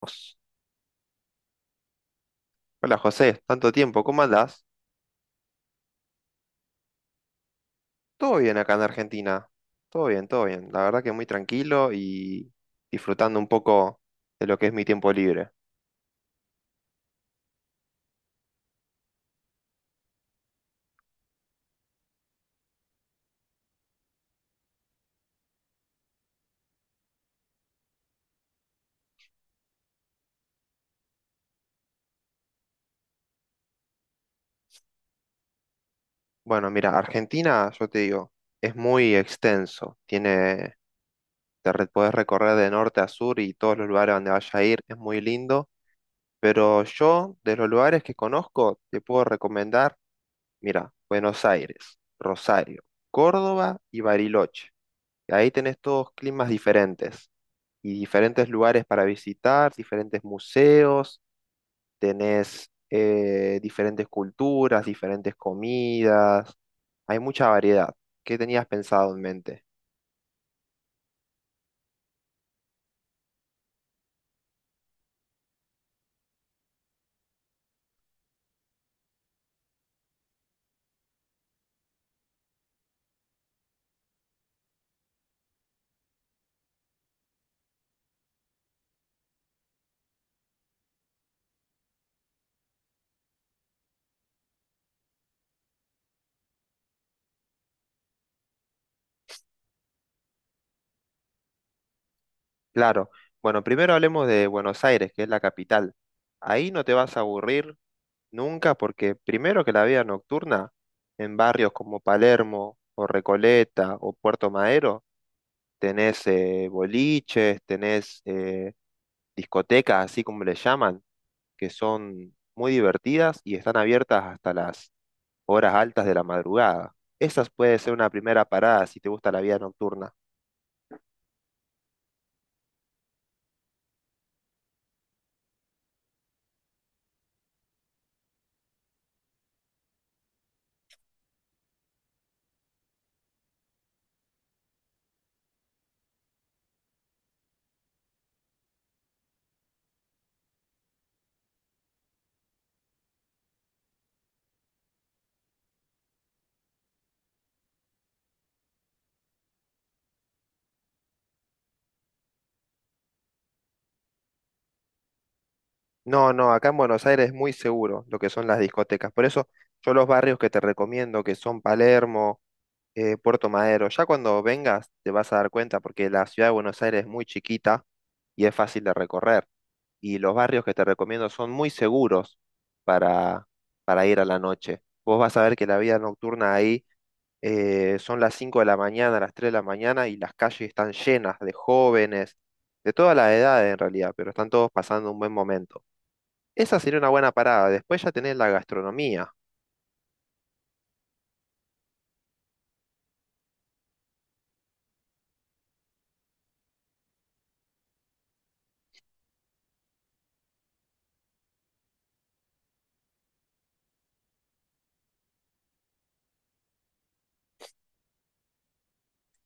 Pues, hola José, tanto tiempo, ¿cómo andás? Todo bien acá en Argentina, todo bien, todo bien. La verdad que muy tranquilo y disfrutando un poco de lo que es mi tiempo libre. Bueno, mira, Argentina, yo te digo, es muy extenso. Tiene, podés recorrer de norte a sur y todos los lugares donde vayas a ir, es muy lindo. Pero yo, de los lugares que conozco, te puedo recomendar. Mira, Buenos Aires, Rosario, Córdoba y Bariloche. Y ahí tenés todos climas diferentes y diferentes lugares para visitar, diferentes museos, tenés diferentes culturas, diferentes comidas. Hay mucha variedad. ¿Qué tenías pensado en mente? Claro. Bueno, primero hablemos de Buenos Aires, que es la capital. Ahí no te vas a aburrir nunca, porque primero que la vida nocturna, en barrios como Palermo o Recoleta o Puerto Madero, tenés boliches, tenés discotecas, así como le llaman, que son muy divertidas y están abiertas hasta las horas altas de la madrugada. Esa puede ser una primera parada si te gusta la vida nocturna. No, no, acá en Buenos Aires es muy seguro lo que son las discotecas. Por eso yo los barrios que te recomiendo, que son Palermo, Puerto Madero. Ya cuando vengas te vas a dar cuenta porque la ciudad de Buenos Aires es muy chiquita y es fácil de recorrer. Y los barrios que te recomiendo son muy seguros para, para ir a la noche. Vos vas a ver que la vida nocturna ahí son las 5 de la mañana, las 3 de la mañana y las calles están llenas de jóvenes, de todas las edades en realidad, pero están todos pasando un buen momento. Esa sería una buena parada. Después ya tenés la gastronomía.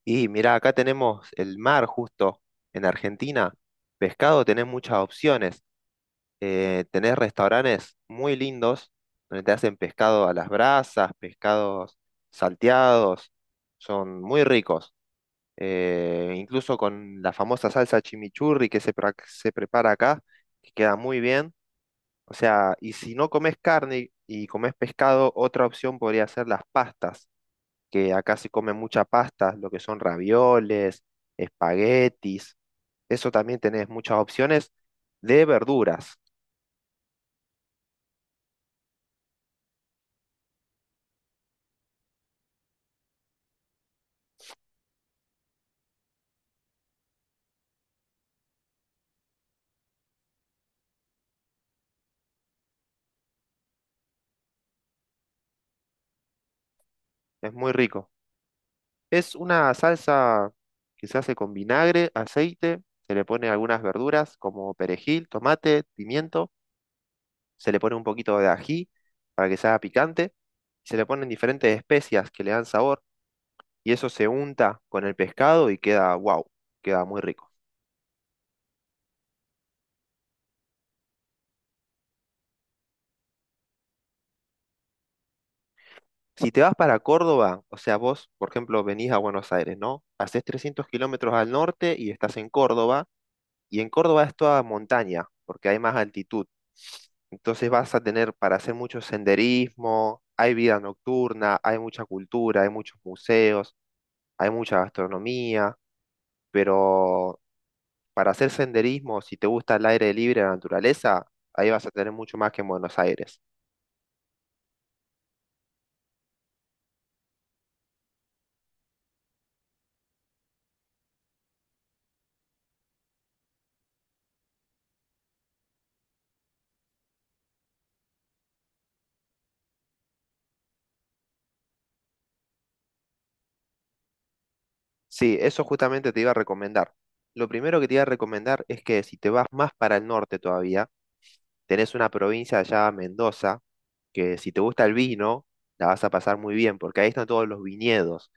Y mira, acá tenemos el mar justo en Argentina. Pescado, tenés muchas opciones. Tenés restaurantes muy lindos donde te hacen pescado a las brasas, pescados salteados. Son muy ricos. Incluso con la famosa salsa chimichurri que se prepara acá, que queda muy bien. O sea, y si no comes carne y comes pescado, otra opción podría ser las pastas que acá se come mucha pasta, lo que son ravioles, espaguetis. Eso también tenés muchas opciones de verduras. Es muy rico. Es una salsa que se hace con vinagre, aceite, se le pone algunas verduras como perejil, tomate, pimiento, se le pone un poquito de ají para que sea picante, se le ponen diferentes especias que le dan sabor y eso se unta con el pescado y queda wow, queda muy rico. Si te vas para Córdoba, o sea, vos, por ejemplo, venís a Buenos Aires, ¿no? Hacés 300 kilómetros al norte y estás en Córdoba, y en Córdoba es toda montaña, porque hay más altitud. Entonces vas a tener para hacer mucho senderismo, hay vida nocturna, hay mucha cultura, hay muchos museos, hay mucha gastronomía, pero para hacer senderismo, si te gusta el aire libre, la naturaleza, ahí vas a tener mucho más que en Buenos Aires. Sí, eso justamente te iba a recomendar. Lo primero que te iba a recomendar es que si te vas más para el norte todavía, tenés una provincia allá, Mendoza, que si te gusta el vino, la vas a pasar muy bien, porque ahí están todos los viñedos.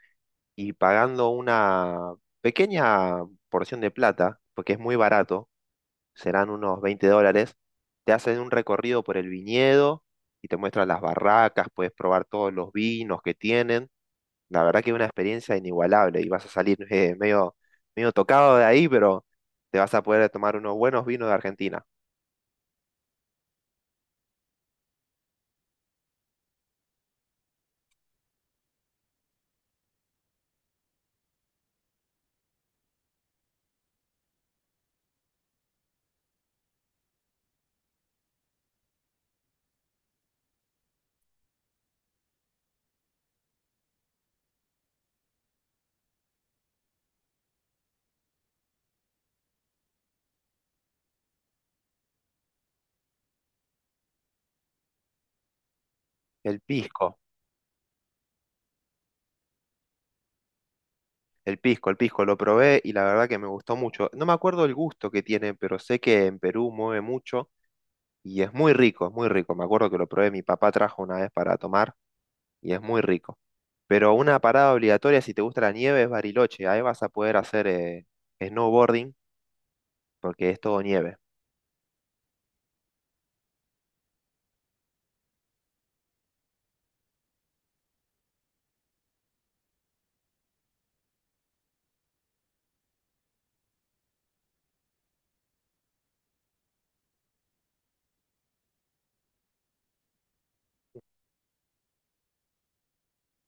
Y pagando una pequeña porción de plata, porque es muy barato, serán unos 20 dólares, te hacen un recorrido por el viñedo y te muestran las barracas, puedes probar todos los vinos que tienen la verdad que es una experiencia inigualable y vas a salir medio, medio tocado de ahí, pero te vas a poder tomar unos buenos vinos de Argentina. El pisco, el pisco, el pisco lo probé y la verdad que me gustó mucho. No me acuerdo el gusto que tiene, pero sé que en Perú mueve mucho y es muy rico, es muy rico. Me acuerdo que lo probé, mi papá trajo una vez para tomar y es muy rico. Pero una parada obligatoria si te gusta la nieve es Bariloche. Ahí vas a poder hacer snowboarding porque es todo nieve.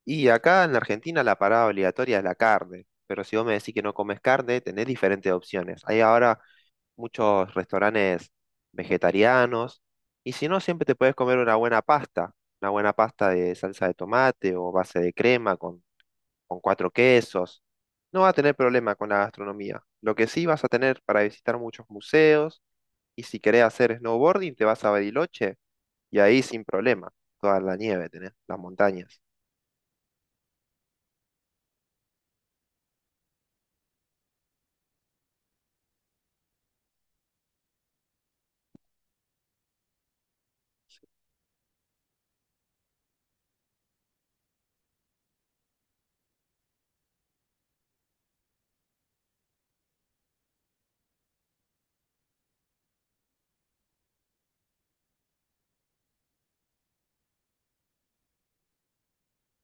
Y acá en Argentina la parada obligatoria es la carne, pero si vos me decís que no comes carne, tenés diferentes opciones. Hay ahora muchos restaurantes vegetarianos y si no, siempre te puedes comer una buena pasta de salsa de tomate o base de crema con cuatro quesos. No vas a tener problema con la gastronomía. Lo que sí vas a tener para visitar muchos museos y si querés hacer snowboarding, te vas a Bariloche y ahí sin problema, toda la nieve tenés, las montañas.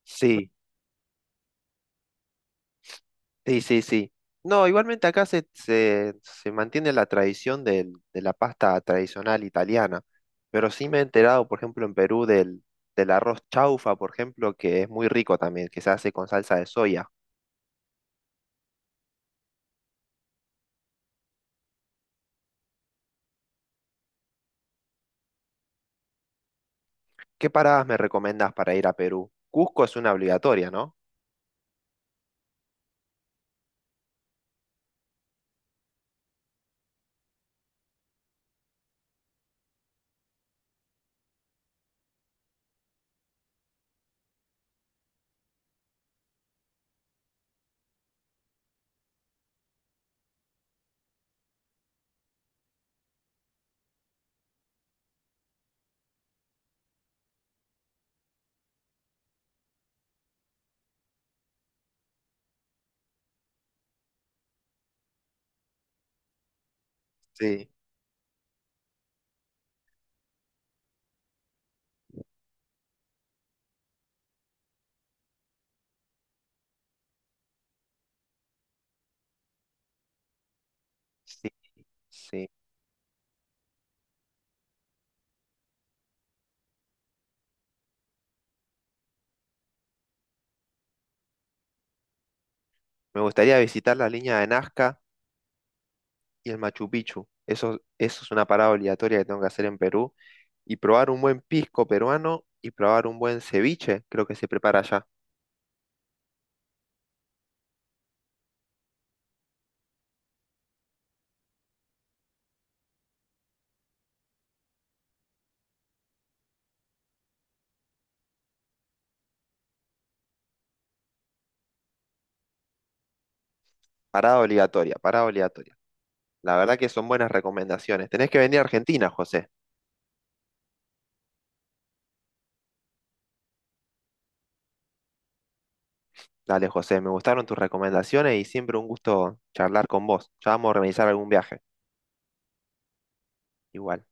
Sí, sí, sí, sí. No, igualmente acá se mantiene la tradición de la pasta tradicional italiana, pero sí me he enterado, por ejemplo, en Perú del, del arroz chaufa, por ejemplo, que es muy rico también, que se hace con salsa de soya. ¿Qué paradas me recomendás para ir a Perú? Cusco es una obligatoria, ¿no? Sí, sí, sí. Me gustaría visitar la línea de Nazca, y el Machu Picchu. Eso es una parada obligatoria que tengo que hacer en Perú. Y probar un buen pisco peruano y probar un buen ceviche, creo que se prepara allá. Parada obligatoria, parada obligatoria. La verdad que son buenas recomendaciones. Tenés que venir a Argentina, José. Dale, José, me gustaron tus recomendaciones y siempre un gusto charlar con vos. Ya vamos a organizar algún viaje, igual.